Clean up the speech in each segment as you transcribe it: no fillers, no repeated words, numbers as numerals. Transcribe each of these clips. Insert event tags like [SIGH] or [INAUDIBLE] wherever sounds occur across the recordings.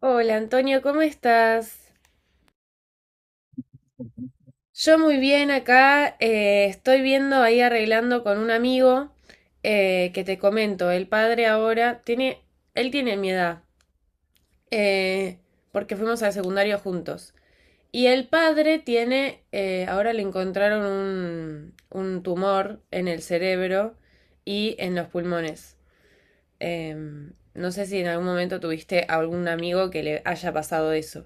Hola Antonio, ¿cómo estás? Yo muy bien acá, estoy viendo ahí arreglando con un amigo que te comento, el padre ahora tiene, él tiene mi edad, eh, porque fuimos al secundario juntos. Y el padre tiene, ahora le encontraron un tumor en el cerebro y en los pulmones. No sé si en algún momento tuviste algún amigo que le haya pasado eso.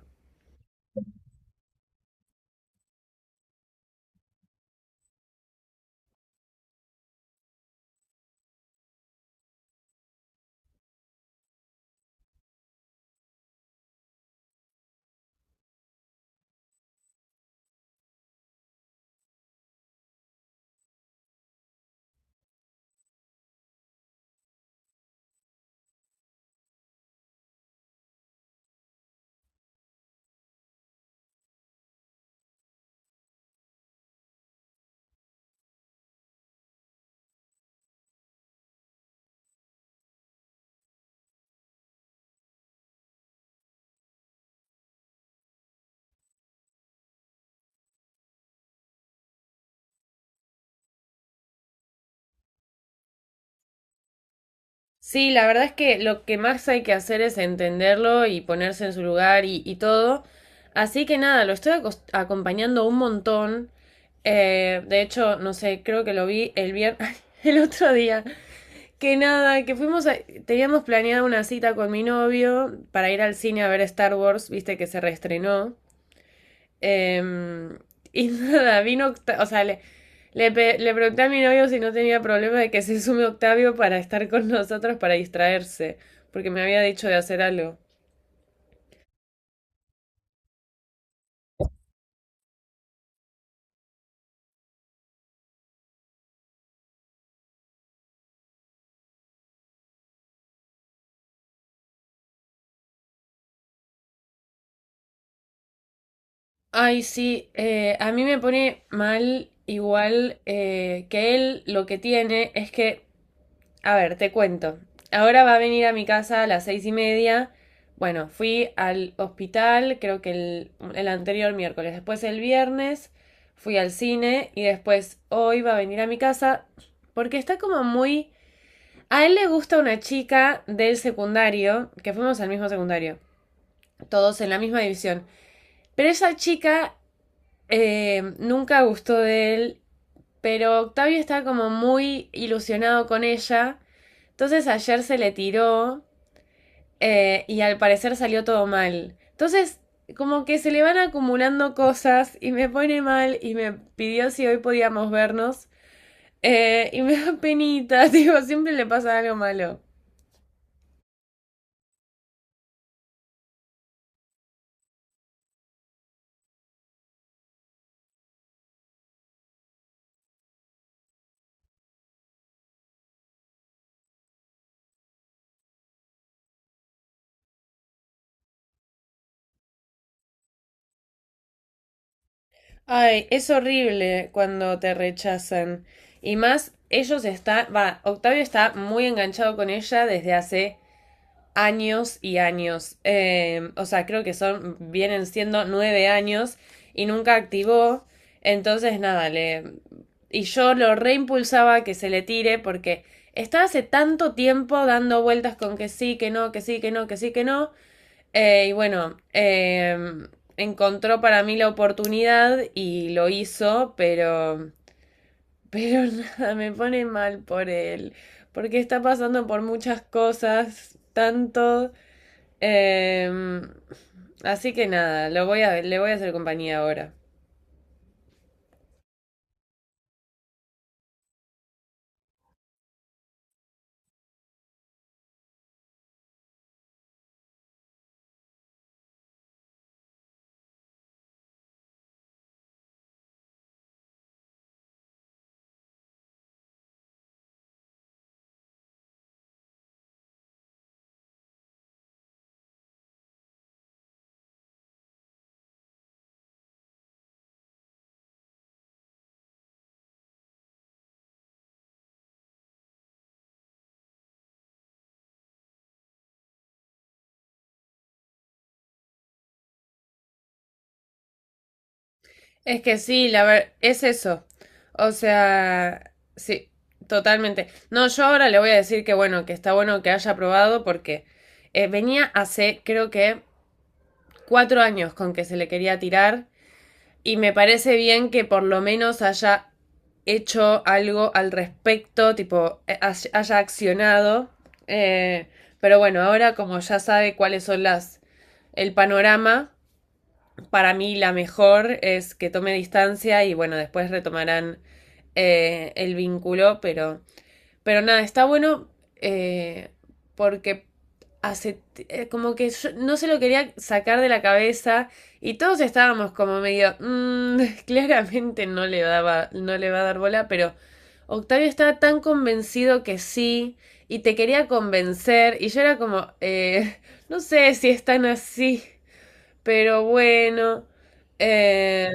Sí, la verdad es que lo que más hay que hacer es entenderlo y ponerse en su lugar y todo. Así que nada, lo estoy acompañando un montón. De hecho, no sé, creo que lo vi el viernes, [LAUGHS] el otro día. Que nada, teníamos planeada una cita con mi novio para ir al cine a ver Star Wars, viste que se reestrenó. Eh, y [LAUGHS] nada, vino, o sea, le pregunté a mi novio si no tenía problema de que se sume Octavio para estar con nosotros, para distraerse, porque me había dicho de hacer algo. Ay, sí, a mí me pone mal igual, que él lo que tiene es que. A ver, te cuento. Ahora va a venir a mi casa a las 6:30. Bueno, fui al hospital, creo que el anterior miércoles, después el viernes, fui al cine y después hoy va a venir a mi casa porque está como muy. A él le gusta una chica del secundario, que fuimos al mismo secundario, todos en la misma división. Pero esa chica, nunca gustó de él, pero Octavio está como muy ilusionado con ella. Entonces ayer se le tiró, y al parecer salió todo mal. Entonces, como que se le van acumulando cosas y me pone mal y me pidió si hoy podíamos vernos. Y me da penita, [LAUGHS] digo, siempre le pasa algo malo. Ay, es horrible cuando te rechazan. Y más, ellos están, va, Octavio está muy enganchado con ella desde hace años y años. O sea, creo que son, vienen siendo 9 años y nunca activó. Entonces, nada, le. Y yo lo reimpulsaba que se le tire porque estaba hace tanto tiempo dando vueltas con que sí, que no, que sí, que no, que sí, que no. Y bueno, encontró para mí la oportunidad y lo hizo, pero. [LAUGHS] Pero nada, me pone mal por él. Porque está pasando por muchas cosas, tanto. Em, Así que nada, le voy a hacer compañía ahora. Es que sí, la ver, es eso. O sea, sí, totalmente. No, yo ahora le voy a decir que bueno, que está bueno que haya probado porque, venía hace creo que 4 años con que se le quería tirar y me parece bien que por lo menos haya hecho algo al respecto, tipo, haya accionado. Eh, pero bueno, ahora como ya sabe cuáles son las el panorama. Para mí la mejor es que tome distancia y bueno, después retomarán, el vínculo, pero, nada, está bueno, eh, porque hace, como que yo no se lo quería sacar de la cabeza y todos estábamos como medio, [LAUGHS] claramente no le va a dar bola, pero Octavio estaba tan convencido que sí y te quería convencer y yo era como, [LAUGHS] no sé si están así. Pero bueno, eh,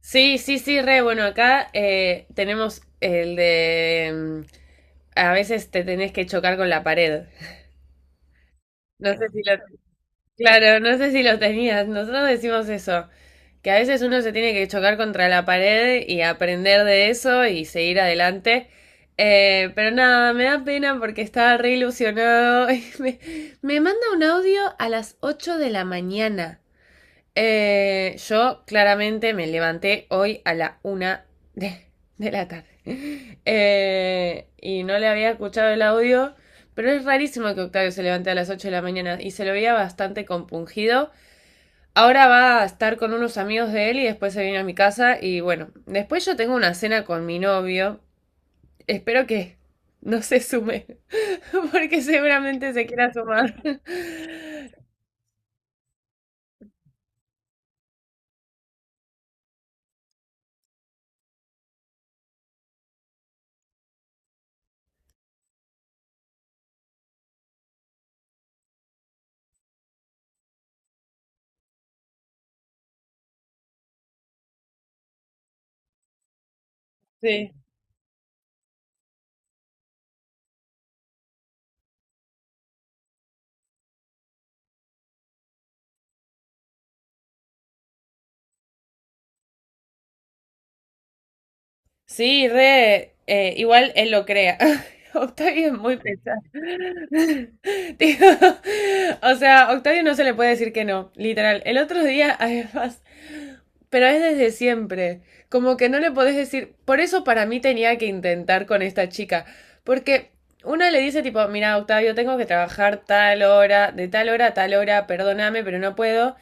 sí, sí, sí, re bueno, acá, tenemos el de a veces te tenés que chocar con la pared. No sé si lo, claro, no sé si lo tenías. Nosotros decimos eso, que a veces uno se tiene que chocar contra la pared y aprender de eso y seguir adelante. Pero nada, me da pena porque estaba re ilusionado. [LAUGHS] Y me manda un audio a las 8 de la mañana. Yo claramente me levanté hoy a la una de, de la tarde. Y no le había escuchado el audio, pero es rarísimo que Octavio se levante a las 8 de la mañana y se lo veía bastante compungido. Ahora va a estar con unos amigos de él y después se viene a mi casa y bueno, después yo tengo una cena con mi novio. Espero que no se sume, [LAUGHS] porque seguramente se quiera sumar. Sí. Sí, re, igual él lo crea. [LAUGHS] Octavio es muy pesado. [LAUGHS] Tipo, o sea, Octavio no se le puede decir que no, literal. El otro día, además, pero es desde siempre. Como que no le podés decir. Por eso para mí tenía que intentar con esta chica. Porque una le dice, tipo, mira, Octavio, tengo que trabajar tal hora, de tal hora a tal hora, perdóname, pero no puedo,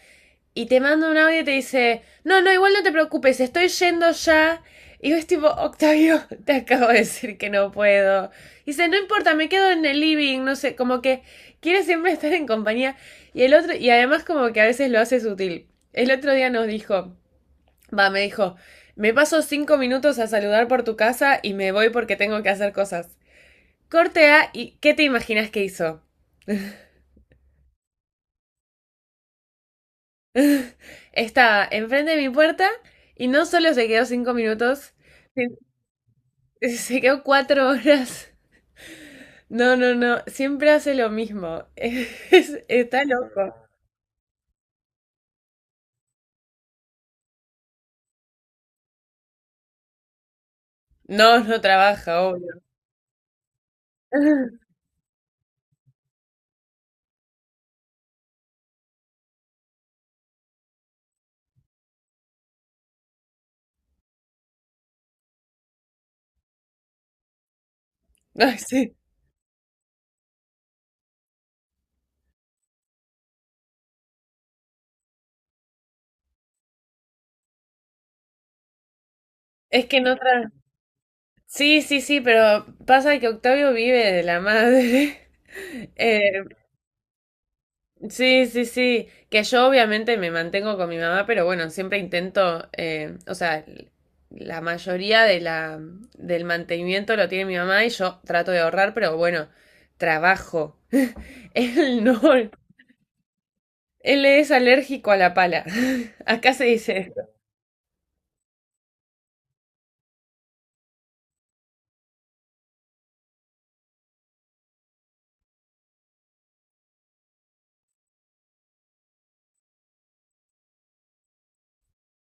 y te manda un audio y te dice, no, no, igual no te preocupes, estoy yendo ya. Y yo es tipo, Octavio, [LAUGHS] te acabo de decir que no puedo. Y dice, no importa, me quedo en el living, no sé, como que quiere siempre [LAUGHS] estar en compañía. Y el otro, y además como que a veces lo hace sutil. El otro día nos dijo, va, me dijo, me paso 5 minutos a saludar por tu casa y me voy porque tengo que hacer cosas. Corte A, ¿y qué te imaginas que hizo? Estaba enfrente de mi puerta y no solo se quedó 5 minutos, [LAUGHS] se quedó 4 horas. No, no, no. Siempre hace lo mismo. [LAUGHS] Está loco. No, no trabaja, obvio. [LAUGHS] Ay, sí. Es que no tra-. Sí, sí, sí, pero pasa que Octavio vive de la madre. [LAUGHS] Eh, sí, sí, sí. Que yo obviamente me mantengo con mi mamá, pero bueno, siempre intento, o sea, la mayoría del mantenimiento lo tiene mi mamá y yo trato de ahorrar, pero bueno, trabajo. [LAUGHS] Él no, él es alérgico a la pala. [LAUGHS] Acá se dice.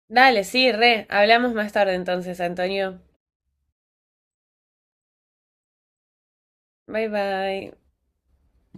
Dale, sí, re. Hablamos más tarde entonces, Antonio. Bye bye.